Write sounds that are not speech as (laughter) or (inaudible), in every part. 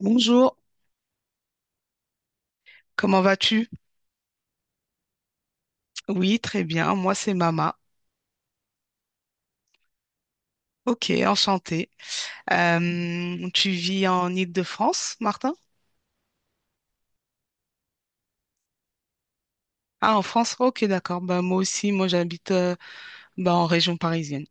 Bonjour, comment vas-tu? Oui, très bien, moi c'est Mama. Ok, enchantée. Tu vis en Île-de-France, Martin? Ah, en France? Ok, d'accord. Bah, moi aussi, moi j'habite bah, en région parisienne.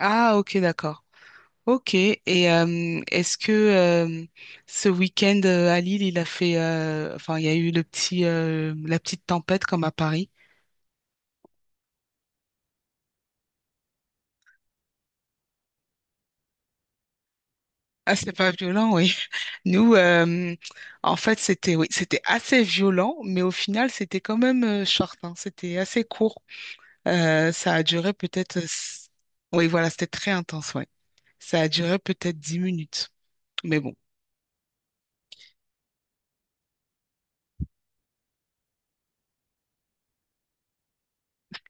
Ah, ok, d'accord. Ok, et est-ce que ce week-end à Lille, il a fait, enfin, il y a eu le la petite tempête comme à Paris? Ah, c'est pas violent, oui. Nous, euh, En fait, c'était oui, c'était assez violent, mais au final, c'était quand même short, hein. C'était assez court. Ça a duré Oui, voilà, c'était très intense, ouais. Ça a duré peut-être 10 minutes. Mais bon,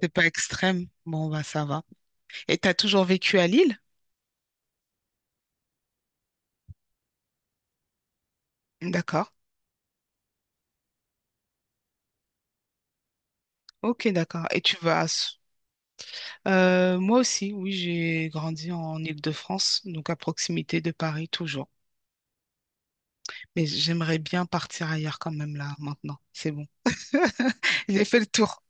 c'est pas extrême. Bon, bah, ça va. Et t'as toujours vécu à Lille? D'accord. Ok, d'accord. Et tu vas... à S- moi aussi, oui, j'ai grandi en Île-de-France, donc à proximité de Paris toujours. Mais j'aimerais bien partir ailleurs quand même là, maintenant. C'est bon. J'ai fait le tour.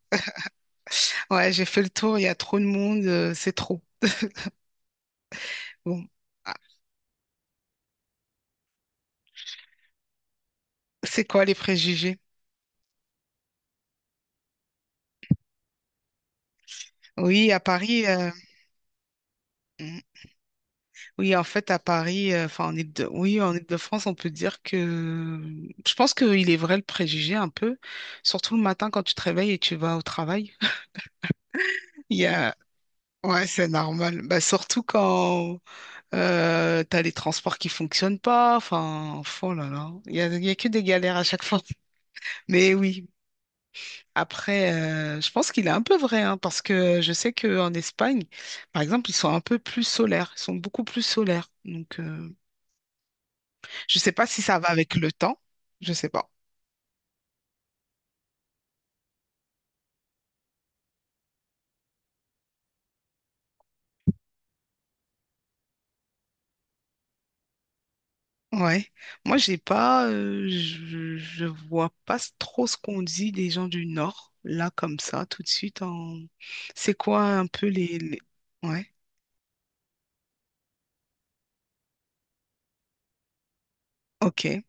Ouais, j'ai fait le tour, il y a trop de monde, c'est trop. Bon, ah, c'est quoi les préjugés? Oui, à Paris, euh, mm, oui, en fait, à Paris, enfin, en oui, en Ile-de-France, on peut dire que je pense qu'il est vrai le préjugé un peu, surtout le matin quand tu te réveilles et tu vas au travail. (laughs) Il y a... Ouais, c'est normal. Bah, surtout quand tu as les transports qui fonctionnent pas. Enfin, oh là là, il y a que des galères à chaque fois. (laughs) Mais oui, après, je pense qu'il est un peu vrai, hein, parce que je sais qu'en Espagne, par exemple, ils sont beaucoup plus solaires. Donc, je ne sais pas si ça va avec le temps, je sais pas. Ouais. Moi, j'ai pas, je vois pas s- trop ce qu'on dit des gens du Nord, là, comme ça, tout de suite. En... C'est quoi un peu ouais, ok.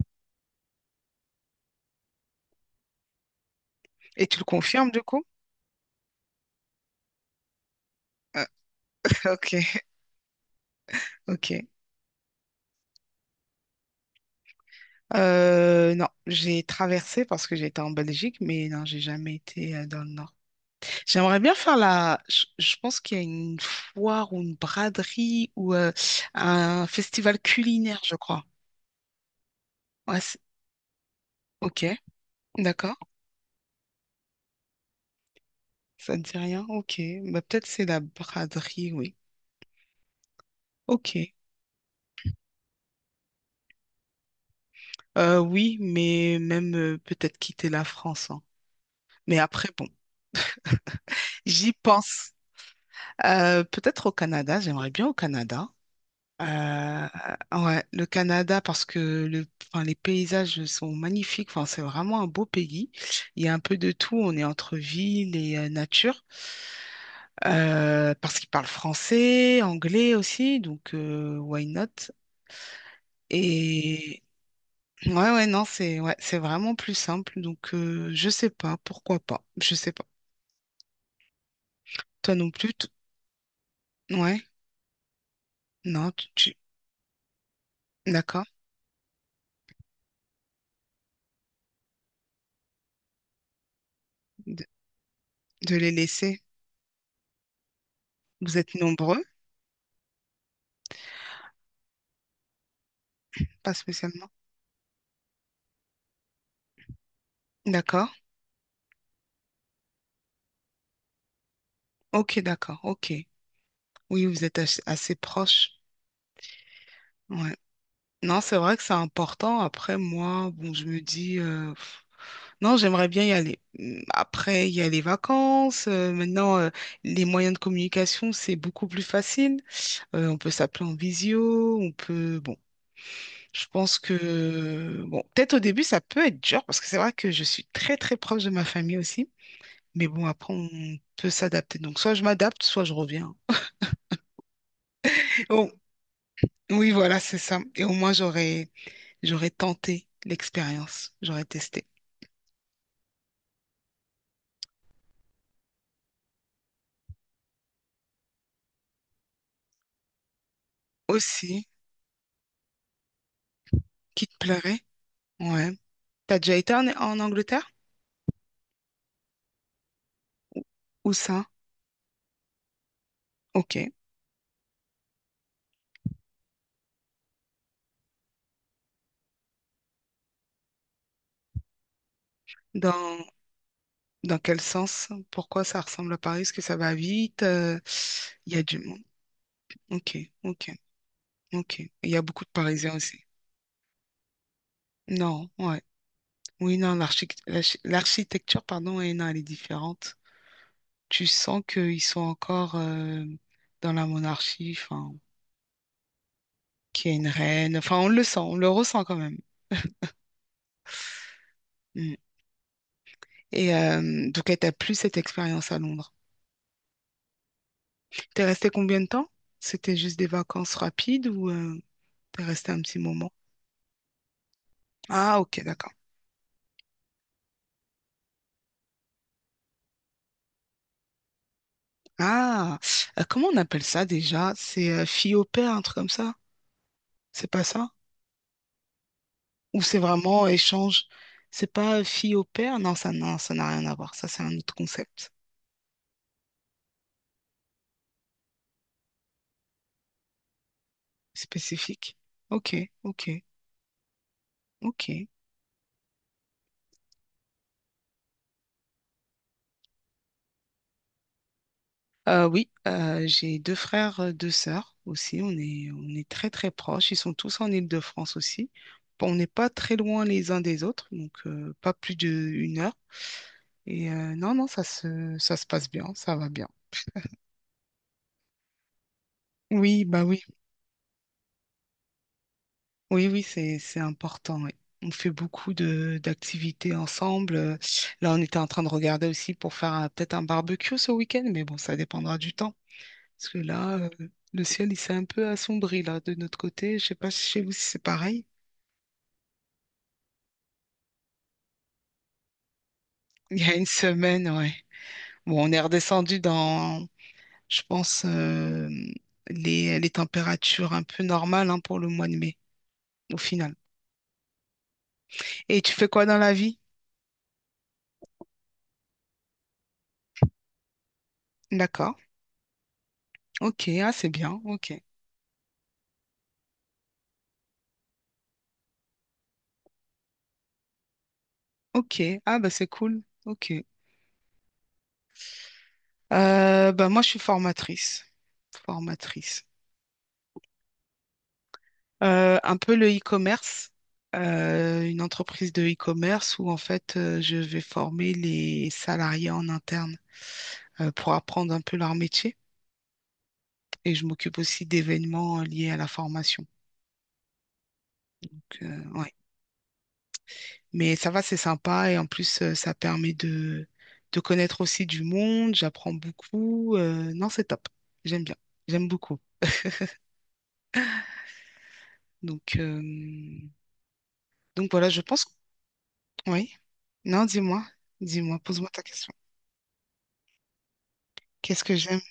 Et tu le confirmes, du coup? Euh, (laughs) ok, ok. Non, j'ai traversé parce que j'étais en Belgique, mais non, j'ai jamais été dans le nord. J'aimerais bien faire la. Je pense qu'il y a une foire ou une braderie ou un festival culinaire, je crois. Ouais, c'est- ok, d'accord. Ça ne dit rien. Ok, bah, peut-être c'est la braderie, oui. Ok. Oui, mais même peut-être quitter la France, hein. Mais après, bon, j'y pense. Peut-être au Canada. J'aimerais bien au Canada. Euh, ah ouais, le Canada, parce que enfin, les paysages sont magnifiques. Enfin, c'est vraiment un beau pays. Il y a un peu de tout. On est entre ville et nature. Parce qu'ils parlent français, anglais aussi. Donc, why not? Et ouais, non, c'est vraiment plus simple. Donc, je sais pas. Pourquoi pas? Je sais pas. Toi non plus? T- Ouais, non, tu- d'accord. De, de les laisser. Vous êtes nombreux? Pas spécialement. D'accord. Ok, d'accord. Ok. Oui, vous êtes assez proche. Ouais. Non, c'est vrai que c'est important. Après, moi, bon, je me dis, non, j'aimerais bien y aller. Après, il y a les vacances, maintenant, les moyens de communication, c'est beaucoup plus facile. On peut s'appeler en visio, on peut, bon, je pense que, bon, peut-être au début, ça peut être dur parce que c'est vrai que je suis très, très proche de ma famille aussi. Mais bon, après, on peut s'adapter. Donc, soit je m'adapte, soit je reviens. Oh, oui, voilà, c'est ça. Et au moins, j'aurais tenté l'expérience. J'aurais testé. Aussi, qui te plairait? Ouais. T'as déjà été en Angleterre? Où ça? Ok. Dans, dans quel sens? Pourquoi ça ressemble à Paris? Est-ce que ça va vite? Il y a du monde. Ok, ok, ok. Il y a beaucoup de Parisiens aussi. Non, ouais. Oui, non, l'architecture, pardon, ouais, non, elle est différente. Tu sens qu'ils sont encore dans la monarchie, enfin, qu'il y a une reine. Enfin, on le sent, on le ressent quand même. Hmm. Et donc, elle t'a plu cette expérience à Londres. T'es resté combien de temps? C'était juste des vacances rapides ou t'es resté un petit moment? Ah, ok, d'accord. Ah, comment on appelle ça déjà? C'est fille au père, un truc comme ça? C'est pas ça? Ou c'est vraiment échange? C'est pas fille au père? Non, ça, non, ça n'a rien à voir. Ça, c'est un autre concept spécifique. Ok, ok, ok. Oui, j'ai deux frères, deux sœurs aussi. On est très très proches. Ils sont tous en Île-de-France aussi. Bon, on n'est pas très loin les uns des autres, donc pas plus d'une heure. Et non, non, ça se passe bien, ça va bien. Oui, bah oui, oui, oui, c'est important, oui. On fait beaucoup de d'activités ensemble. Là, on était en train de regarder aussi pour faire peut-être un barbecue ce week-end, mais bon, ça dépendra du temps. Parce que là, le ciel, il s'est un peu assombri, là, de notre côté. Je sais pas si chez vous, si c'est pareil. (laughs) Il y a une semaine, ouais. Bon, on est redescendu dans, je pense, les températures un peu normales, hein, pour le mois de mai, au final. Et tu fais quoi dans la vie? D'accord. Ok, ah, c'est bien. Ok. Ok. Ah, bah, c'est cool. Ok. Bah, moi, je suis formatrice. Formatrice. Un peu le e-commerce, une entreprise de e-commerce où en fait je vais former les salariés en interne pour apprendre un peu leur métier et je m'occupe aussi d'événements liés à la formation. Donc, ouais. Mais ça va, c'est sympa et en plus ça permet de connaître aussi du monde, j'apprends beaucoup. Non, c'est top, j'aime bien, j'aime beaucoup. Donc, euh, donc voilà, je pense. Oui, non, dis-moi, dis-moi, pose-moi ta question. Qu'est-ce que j'aime?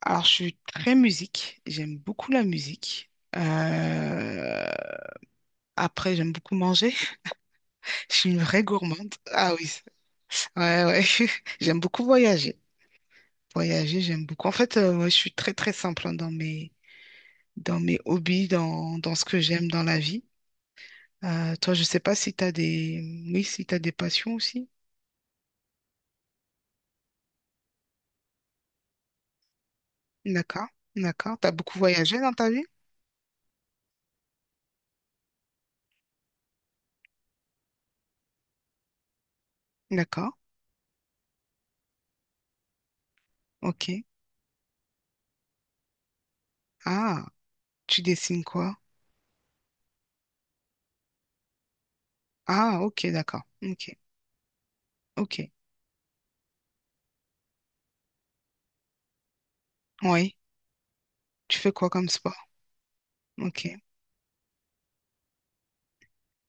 Alors, je suis très musique. J'aime beaucoup la musique. Après, j'aime beaucoup manger. (laughs) Je suis une vraie gourmande. Ah oui, ouais, ouais. (laughs) J'aime beaucoup voyager. Voyager, j'aime beaucoup. En fait, ouais, je suis très, très simple hein, dans dans mes hobbies, dans ce que j'aime dans la vie. Toi, je sais pas si tu as des... Oui, si tu des passions aussi. D'accord, d'accord. Tu as beaucoup voyagé dans ta vie? D'accord, ok. Ah, tu dessines quoi? Ah, ok, d'accord, ok, ok. Oui. Tu fais quoi comme sport? Ok,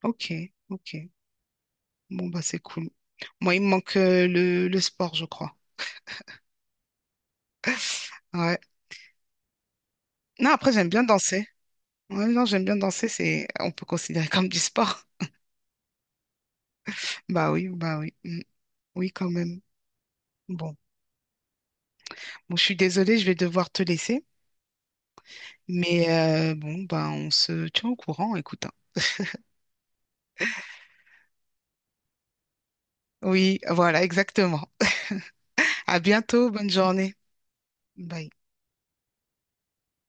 ok, ok. Bon, bah c'est cool. Moi, il me manque le sport, je crois. Ouais. Non, après, j'aime bien danser. Ouais, non, j'aime bien danser, c'est, on peut considérer comme du sport. (laughs) Bah oui, bah oui. Mm. Oui, quand même. Bon. Bon, je suis désolée, je vais devoir te laisser. Mais bon, bah on se tient au courant, écoute, hein. Oui, voilà, exactement. (laughs) À bientôt, bonne journée. Bye.